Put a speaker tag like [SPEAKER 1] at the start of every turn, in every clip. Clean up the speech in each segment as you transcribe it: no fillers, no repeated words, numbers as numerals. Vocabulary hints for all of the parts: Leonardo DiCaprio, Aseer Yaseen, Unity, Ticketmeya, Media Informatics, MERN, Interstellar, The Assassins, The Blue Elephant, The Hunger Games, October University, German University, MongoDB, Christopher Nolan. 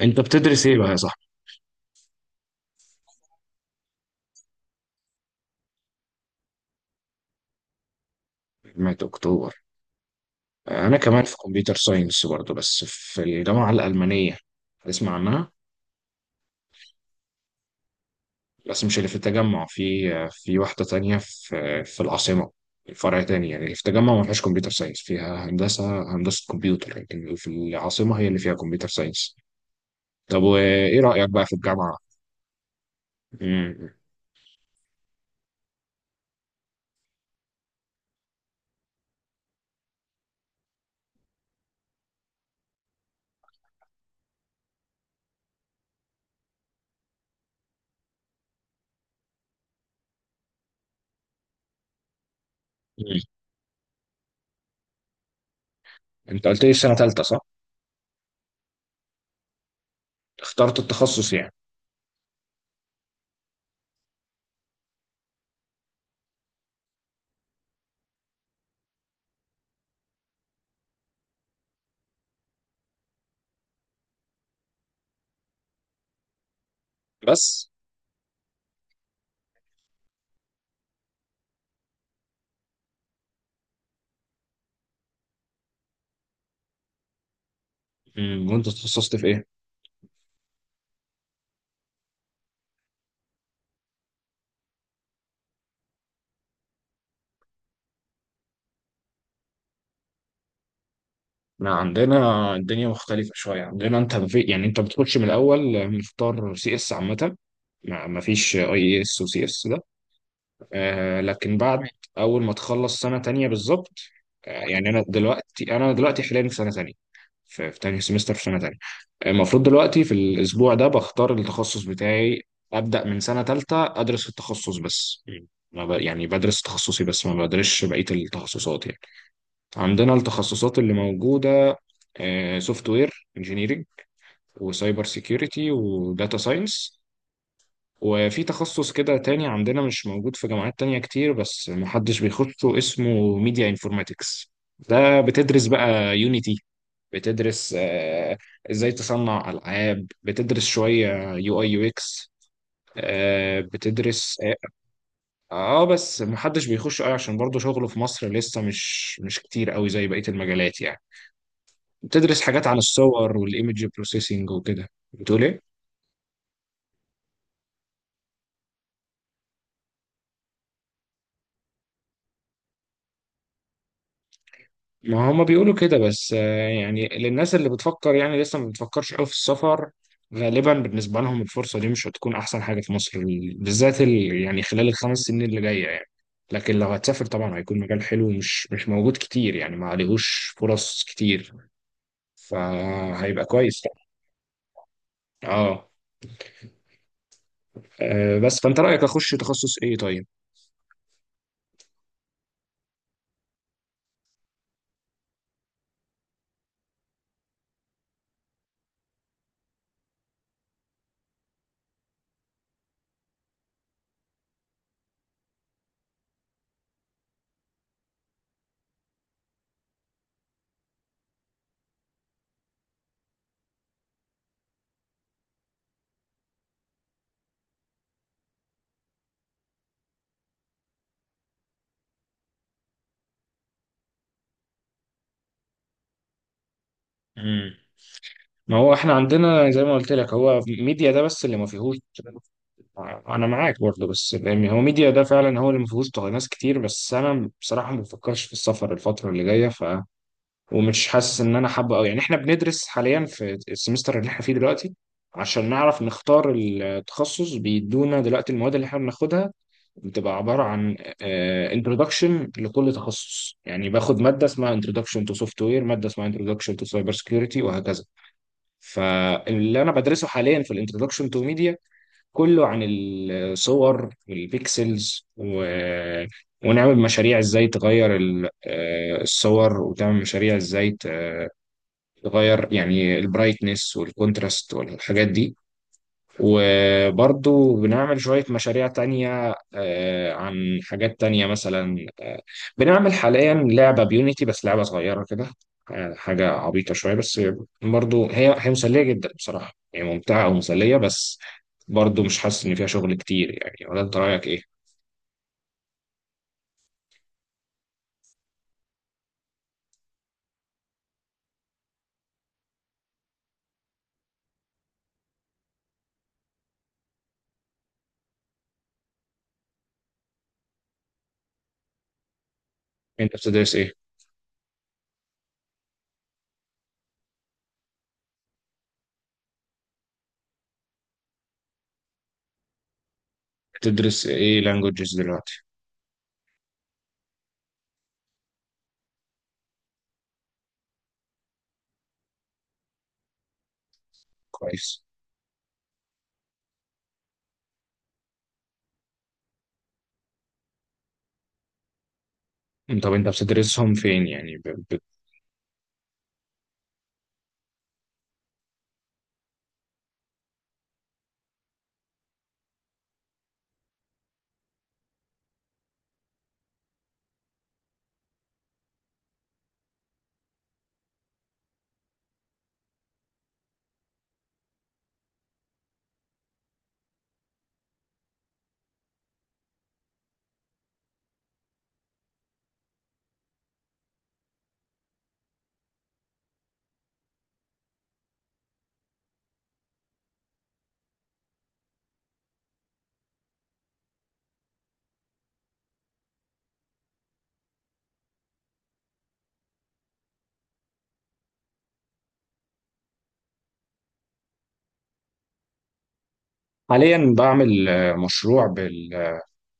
[SPEAKER 1] انت بتدرس ايه بقى يا صاحبي؟ في جامعة اكتوبر. انا كمان في كمبيوتر ساينس برضه، بس في الجامعة الألمانية. تسمع عنها؟ بس مش اللي في التجمع، في واحدة تانية، في العاصمة. فرع تاني يعني. اللي في التجمع ما فيهاش كمبيوتر ساينس، فيها هندسة، هندسة كمبيوتر. لكن اللي في العاصمة هي اللي فيها كمبيوتر ساينس. طب وايه رأيك بقى في الجامعة؟ مم. مم. انت قلت لي سنة تالتة، صح؟ اخترت التخصص يعني؟ بس. مم. وانت تخصصت في ايه؟ احنا عندنا الدنيا مختلفة شوية. عندنا انت في يعني انت بتخش من الاول مختار سي اس عامة. ما فيش اي اس وسي اس ده. آه، لكن بعد اول ما تخلص سنة تانية بالظبط. آه، يعني انا دلوقتي حاليا في سنة تانية. في تاني سمستر في سنة تانية. المفروض دلوقتي في الاسبوع ده بختار التخصص بتاعي. ابدأ من سنة تالتة ادرس في التخصص بس. ما ب... يعني بدرس تخصصي بس، ما بدرسش بقية التخصصات يعني. عندنا التخصصات اللي موجودة: سوفت وير انجينيرنج، وسايبر سيكيورتي، وداتا ساينس. وفي تخصص كده تاني عندنا مش موجود في جامعات تانية كتير، بس محدش بيخشه، اسمه ميديا انفورماتكس. ده بتدرس بقى يونيتي، بتدرس ازاي تصنع ألعاب، بتدرس شوية يو اي يو اكس، بتدرس اه بس محدش بيخش قوي عشان برضه شغله في مصر لسه مش كتير قوي زي بقية المجالات يعني. بتدرس حاجات عن الصور والايمج بروسيسنج وكده. بتقول ايه؟ ما هما بيقولوا كده، بس يعني للناس اللي بتفكر يعني لسه ما بتفكرش قوي في السفر، غالبا بالنسبة لهم الفرصة دي مش هتكون أحسن حاجة في مصر، بالذات يعني خلال الخمس سنين اللي جاية يعني. لكن لو هتسافر طبعا هيكون مجال حلو، مش موجود كتير يعني، ما عليهوش فرص كتير، فهيبقى كويس. اه، بس فأنت رأيك أخش تخصص إيه طيب؟ مم. ما هو احنا عندنا زي ما قلت لك هو ميديا ده بس اللي ما فيهوش. انا معاك برضه، بس يعني هو ميديا ده فعلا هو اللي ما فيهوش ناس كتير، بس انا بصراحه ما بفكرش في السفر الفتره اللي جايه. ومش حاسس ان انا حابه قوي يعني. احنا بندرس حاليا في السمستر اللي احنا فيه دلوقتي عشان نعرف نختار التخصص. بيدونا دلوقتي المواد اللي احنا بناخدها بتبقى عبارة عن introduction لكل تخصص. يعني باخد مادة اسمها introduction to software، مادة اسمها introduction to cyber security، وهكذا. فاللي انا بدرسه حاليا في الانترودكشن تو ميديا كله عن الصور والبيكسلز ونعمل مشاريع ازاي تغير الصور، وتعمل مشاريع ازاي تغير يعني البرايتنس والكونتراست والحاجات دي. وبرضو بنعمل شوية مشاريع تانية عن حاجات تانية مثلا. بنعمل حاليا لعبة بيونيتي، بس لعبة صغيرة كده، حاجة عبيطة شوية، بس برضو هي مسلية جدا بصراحة يعني، ممتعة ومسلية. بس برضو مش حاسس إن فيها شغل كتير يعني. ولا أنت رأيك إيه؟ أنت بتدرس إيه؟ بتدرس إيه لانجوجز دلوقتي؟ كويس. طب أنت بتدرسهم فين يعني؟ حاليا بعمل مشروع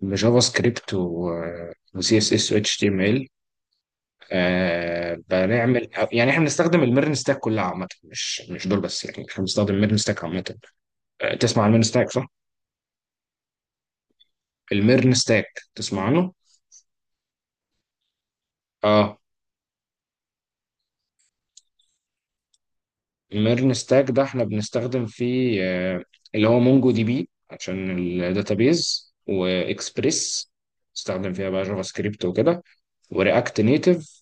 [SPEAKER 1] بجافا سكريبت وسي اس اس واتش تي ام ال. بنعمل يعني احنا بنستخدم الميرن ستاك كلها عامه، مش دول بس، يعني احنا بنستخدم الميرن ستاك عامه. تسمع عن الميرن ستاك صح؟ الميرن ستاك، تسمع عنه؟ اه. الميرن ستاك ده احنا بنستخدم فيه اللي هو مونجو دي بي عشان الداتابيز، واكسبريس، استخدم فيها بقى جافا سكريبت وكده، ورياكت نيتف.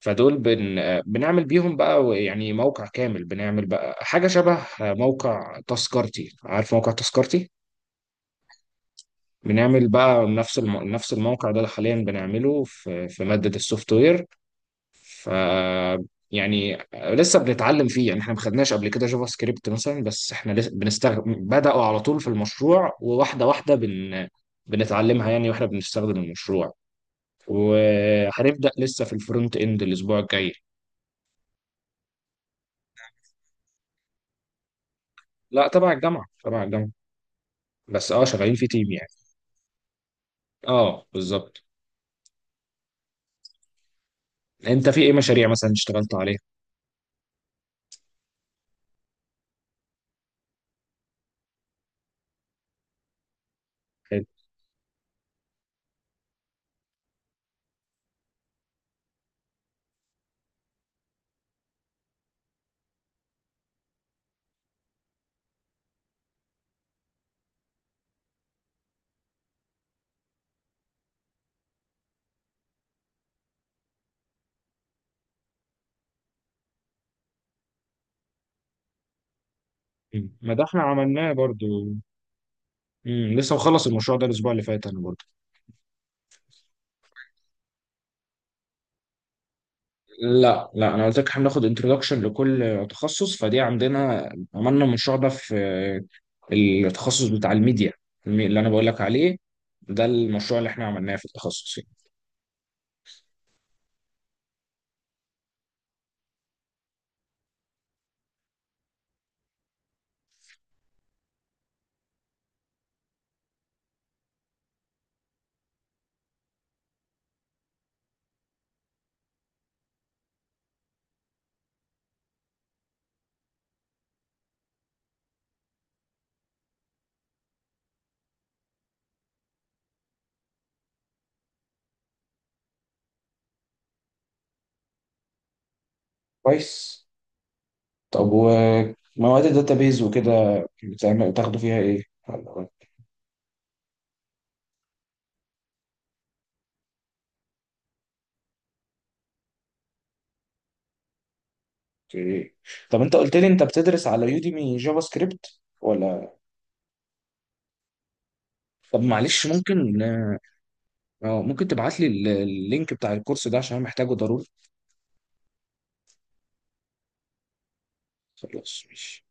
[SPEAKER 1] بنعمل بيهم بقى يعني موقع كامل. بنعمل بقى حاجة شبه موقع تذكرتي. عارف موقع تذكرتي؟ بنعمل بقى نفس نفس الموقع ده اللي حاليا بنعمله في مادة السوفت وير. ف يعني لسه بنتعلم فيه، يعني احنا ما خدناش قبل كده جافا سكريبت مثلا، بس احنا لسه بنستخدم. بدأوا على طول في المشروع، وواحدة واحدة بنتعلمها يعني واحنا بنستخدم المشروع. وهنبدأ لسه في الفرونت اند الاسبوع الجاي. لا، تبع الجامعة، تبع الجامعة. بس اه شغالين في تيم يعني. اه بالظبط. انت في ايه مشاريع مثلا اشتغلت عليها؟ حلو. مم. ما ده احنا عملناه برضو. مم. لسه مخلص المشروع ده الاسبوع اللي فات انا برضو. لا لا، انا قلت لك احنا بناخد انتروداكشن لكل تخصص. فدي عندنا عملنا المشروع ده في التخصص بتاع الميديا، اللي انا بقول لك عليه. ده المشروع اللي احنا عملناه في التخصص يعني. كويس. طب ومواد الداتابيز وكده بتاخدوا فيها ايه؟ اوكي. طب انت قلت لي انت بتدرس على يوديمي جافا سكريبت ولا؟ طب معلش ممكن؟ اه ممكن تبعت لي اللينك بتاع الكورس ده عشان أنا محتاجه ضروري. خلاص ماشي.